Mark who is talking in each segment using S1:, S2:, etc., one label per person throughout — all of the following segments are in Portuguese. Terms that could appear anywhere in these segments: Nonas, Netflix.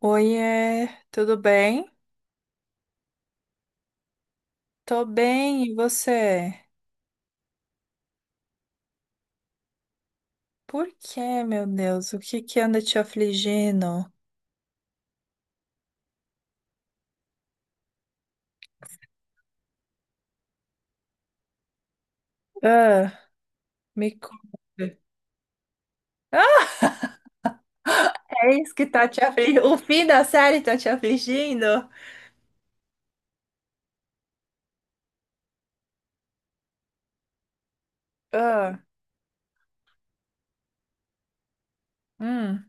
S1: Oiê, tudo bem? Tô bem, e você? Por quê, meu Deus? O que que anda te afligindo? Ah, me conta. Ah, é isso que tá te afligindo? O fim da série tá te afligindo? Ah, hum.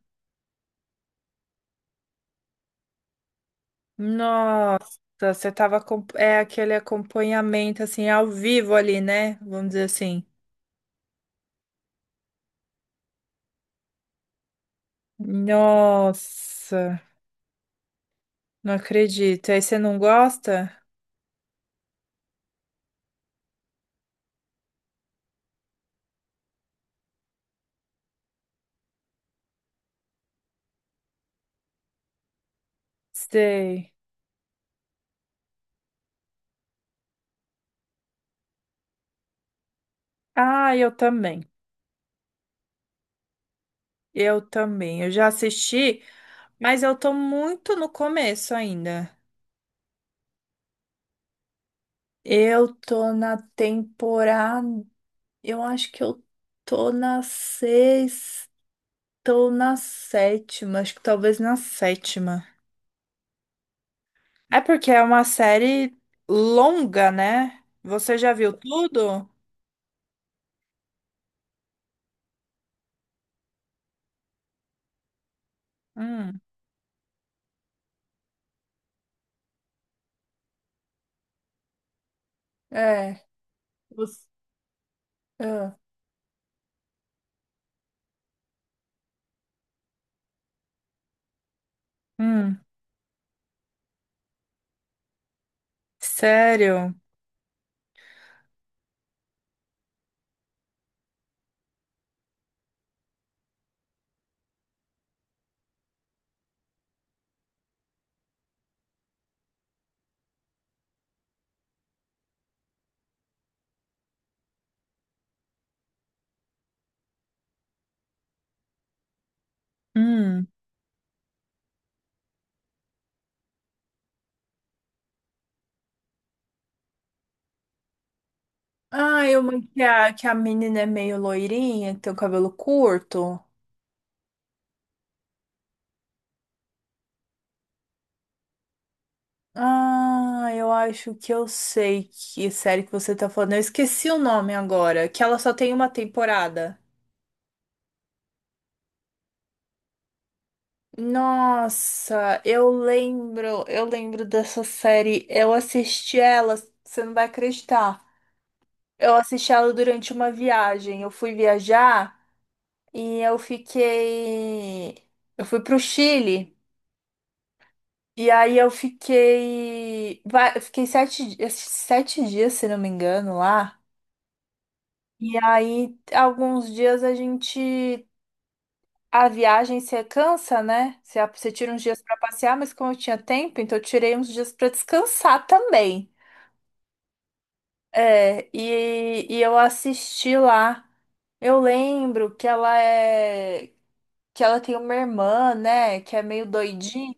S1: Nossa, você tava com... É aquele acompanhamento, assim, ao vivo ali, né? Vamos dizer assim. Nossa, não acredito. Aí você não gosta? Sei. Ah, eu também. Eu também. Eu já assisti, mas eu tô muito no começo ainda. Eu tô na temporada. Eu acho que eu tô na sexta ou na sétima. Acho que talvez na sétima. É porque é uma série longa, né? Você já viu tudo? Hum. É. você- ah. Hum. Sério? Hum. Ah, eu que a menina é meio loirinha, tem o cabelo curto. Ah, eu acho que eu sei que série que você tá falando. Eu esqueci o nome agora, que ela só tem uma temporada. Nossa, eu lembro dessa série. Eu assisti ela, você não vai acreditar. Eu assisti ela durante uma viagem. Eu fui viajar e eu fiquei, eu fui pro Chile e aí eu fiquei, eu fiquei sete dias, se não me engano, lá. E aí, alguns dias a gente. A viagem você cansa, né? Você tira uns dias para passear, mas como eu tinha tempo, então eu tirei uns dias para descansar também. É, e eu assisti lá. Eu lembro que ela é. Que ela tem uma irmã, né? Que é meio doidinha.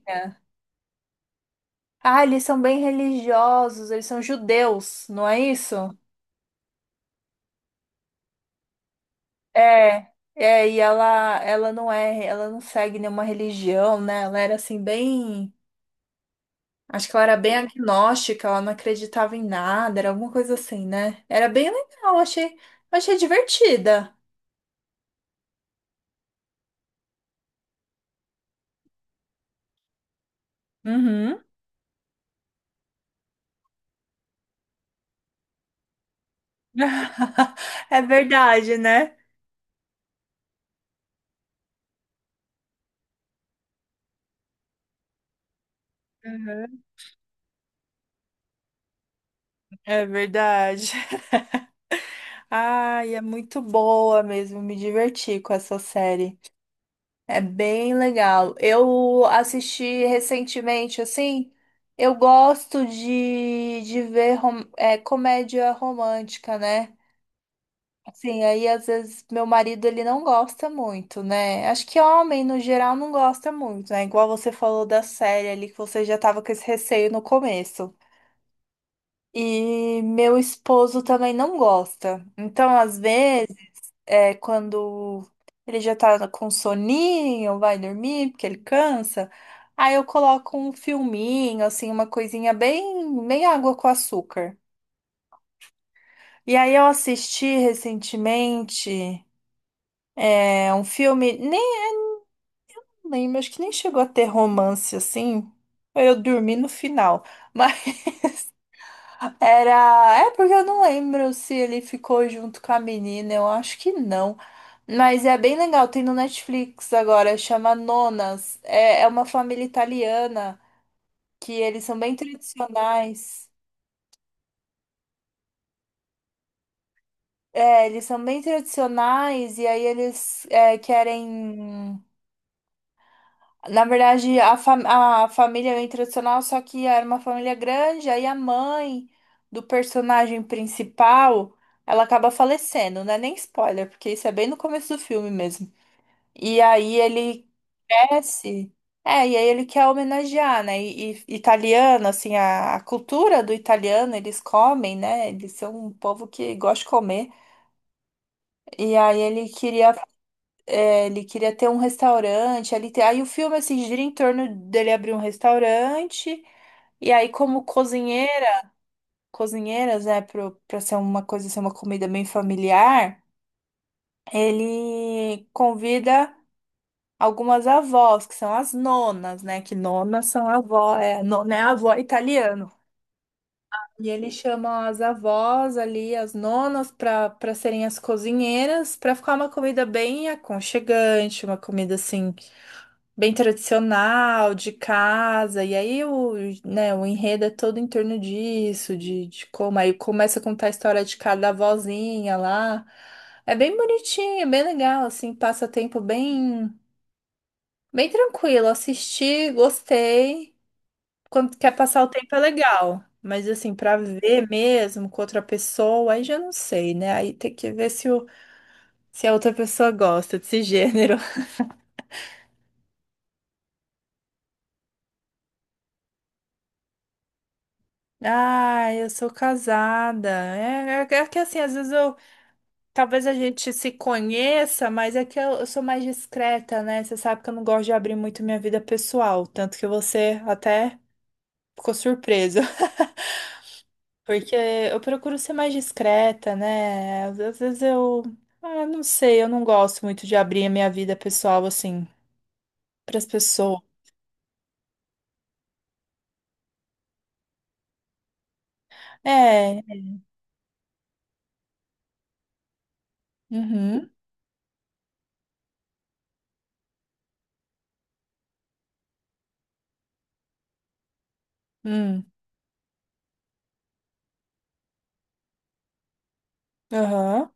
S1: Ah, eles são bem religiosos, eles são judeus, não é isso? É, é, e ela não é, ela não segue nenhuma religião, né? Ela era assim bem. Acho que ela era bem agnóstica, ela não acreditava em nada, era alguma coisa assim, né? Era bem legal, achei divertida. Uhum. É verdade, né? Uhum. É verdade. Ai, é muito boa mesmo. Me diverti com essa série. É bem legal. Eu assisti recentemente, assim. Eu gosto de ver comédia romântica, né? Sim, aí às vezes meu marido ele não gosta muito, né? Acho que homem no geral não gosta muito, né? Igual você falou da série ali que você já tava com esse receio no começo. E meu esposo também não gosta. Então, às vezes, é quando ele já tá com soninho, vai dormir, porque ele cansa, aí eu coloco um filminho, assim, uma coisinha bem, bem água com açúcar. E aí eu assisti recentemente um filme. Nem lembro, acho que nem chegou a ter romance assim. Eu dormi no final. Mas era. É porque eu não lembro se ele ficou junto com a menina, eu acho que não. Mas é bem legal, tem no Netflix agora, chama Nonas. É, uma família italiana que eles são bem tradicionais. É, eles são bem tradicionais e aí eles querem. Na verdade, a família é tradicional, só que era uma família grande, aí a mãe do personagem principal, ela acaba falecendo, não é nem spoiler, porque isso é bem no começo do filme mesmo. E aí ele cresce, e aí ele quer homenagear, né? E, italiano, assim, a cultura do italiano, eles comem, né? Eles são um povo que gosta de comer. E aí ele queria ter um restaurante ali. Aí o filme assim, gira em torno dele abrir um restaurante. E aí, como cozinheiras, né, pra ser uma comida bem familiar, ele convida algumas avós, que são as nonas, né? Que nonas são avó, nona é avó italiano. E ele chama as avós ali, as nonas, para serem as cozinheiras, para ficar uma comida bem aconchegante, uma comida assim. Bem tradicional, de casa, e aí o, né, o enredo é todo em torno disso, de como aí começa a contar a história de cada avózinha lá. É bem bonitinho, é bem legal, assim, passa tempo bem, bem tranquilo. Assisti, gostei. Quando quer passar o tempo é legal. Mas assim, pra ver mesmo com outra pessoa, aí já não sei, né? Aí tem que ver se a outra pessoa gosta desse gênero. Ah, eu sou casada. É, é que assim, às vezes eu. Talvez a gente se conheça, mas é que eu sou mais discreta, né? Você sabe que eu não gosto de abrir muito minha vida pessoal. Tanto que você até ficou surpresa. Porque eu procuro ser mais discreta, né? Às vezes eu. Ah, não sei, eu não gosto muito de abrir a minha vida pessoal, assim, pras pessoas. É. Uhum. Hum. Aham.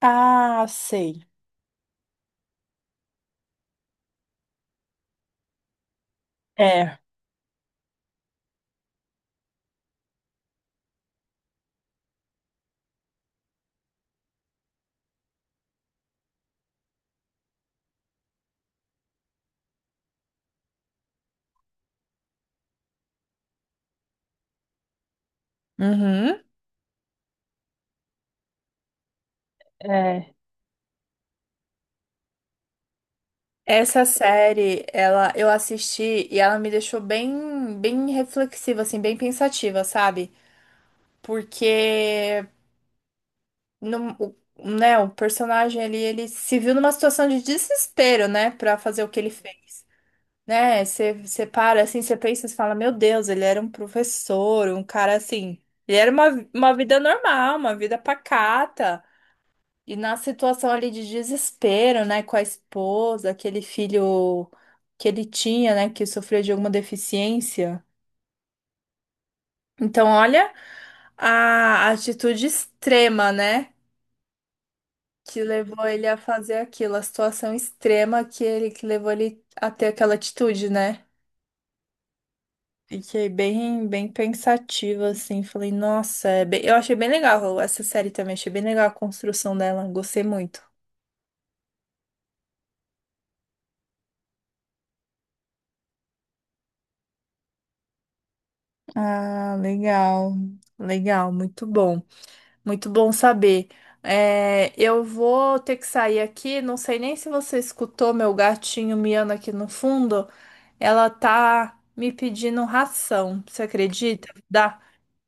S1: Ah, sei. É. Uhum. É. Essa série, ela, eu assisti e ela me deixou bem, bem reflexiva, assim, bem pensativa, sabe? Porque, o, né, o personagem ali, ele se viu numa situação de desespero, né, pra fazer o que ele fez, né? Você para, assim, você pensa, você fala, meu Deus, ele era um professor, um cara assim. Ele era uma, vida normal, uma vida pacata. E na situação ali de desespero, né, com a esposa, aquele filho que ele tinha, né, que sofreu de alguma deficiência. Então, olha a atitude extrema, né, que levou ele a fazer aquilo, a situação extrema que levou ele a ter aquela atitude, né? Fiquei bem, bem pensativa, assim, falei, nossa, eu achei bem legal essa série também, achei bem legal a construção dela, gostei muito. Ah, legal, legal, muito bom. Muito bom saber. É, eu vou ter que sair aqui. Não sei nem se você escutou meu gatinho miando aqui no fundo. Ela tá me pedindo ração. Você acredita? Dá.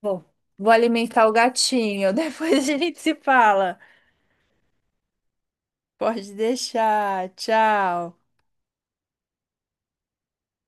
S1: Bom, vou alimentar o gatinho. Depois a gente se fala. Pode deixar. Tchau.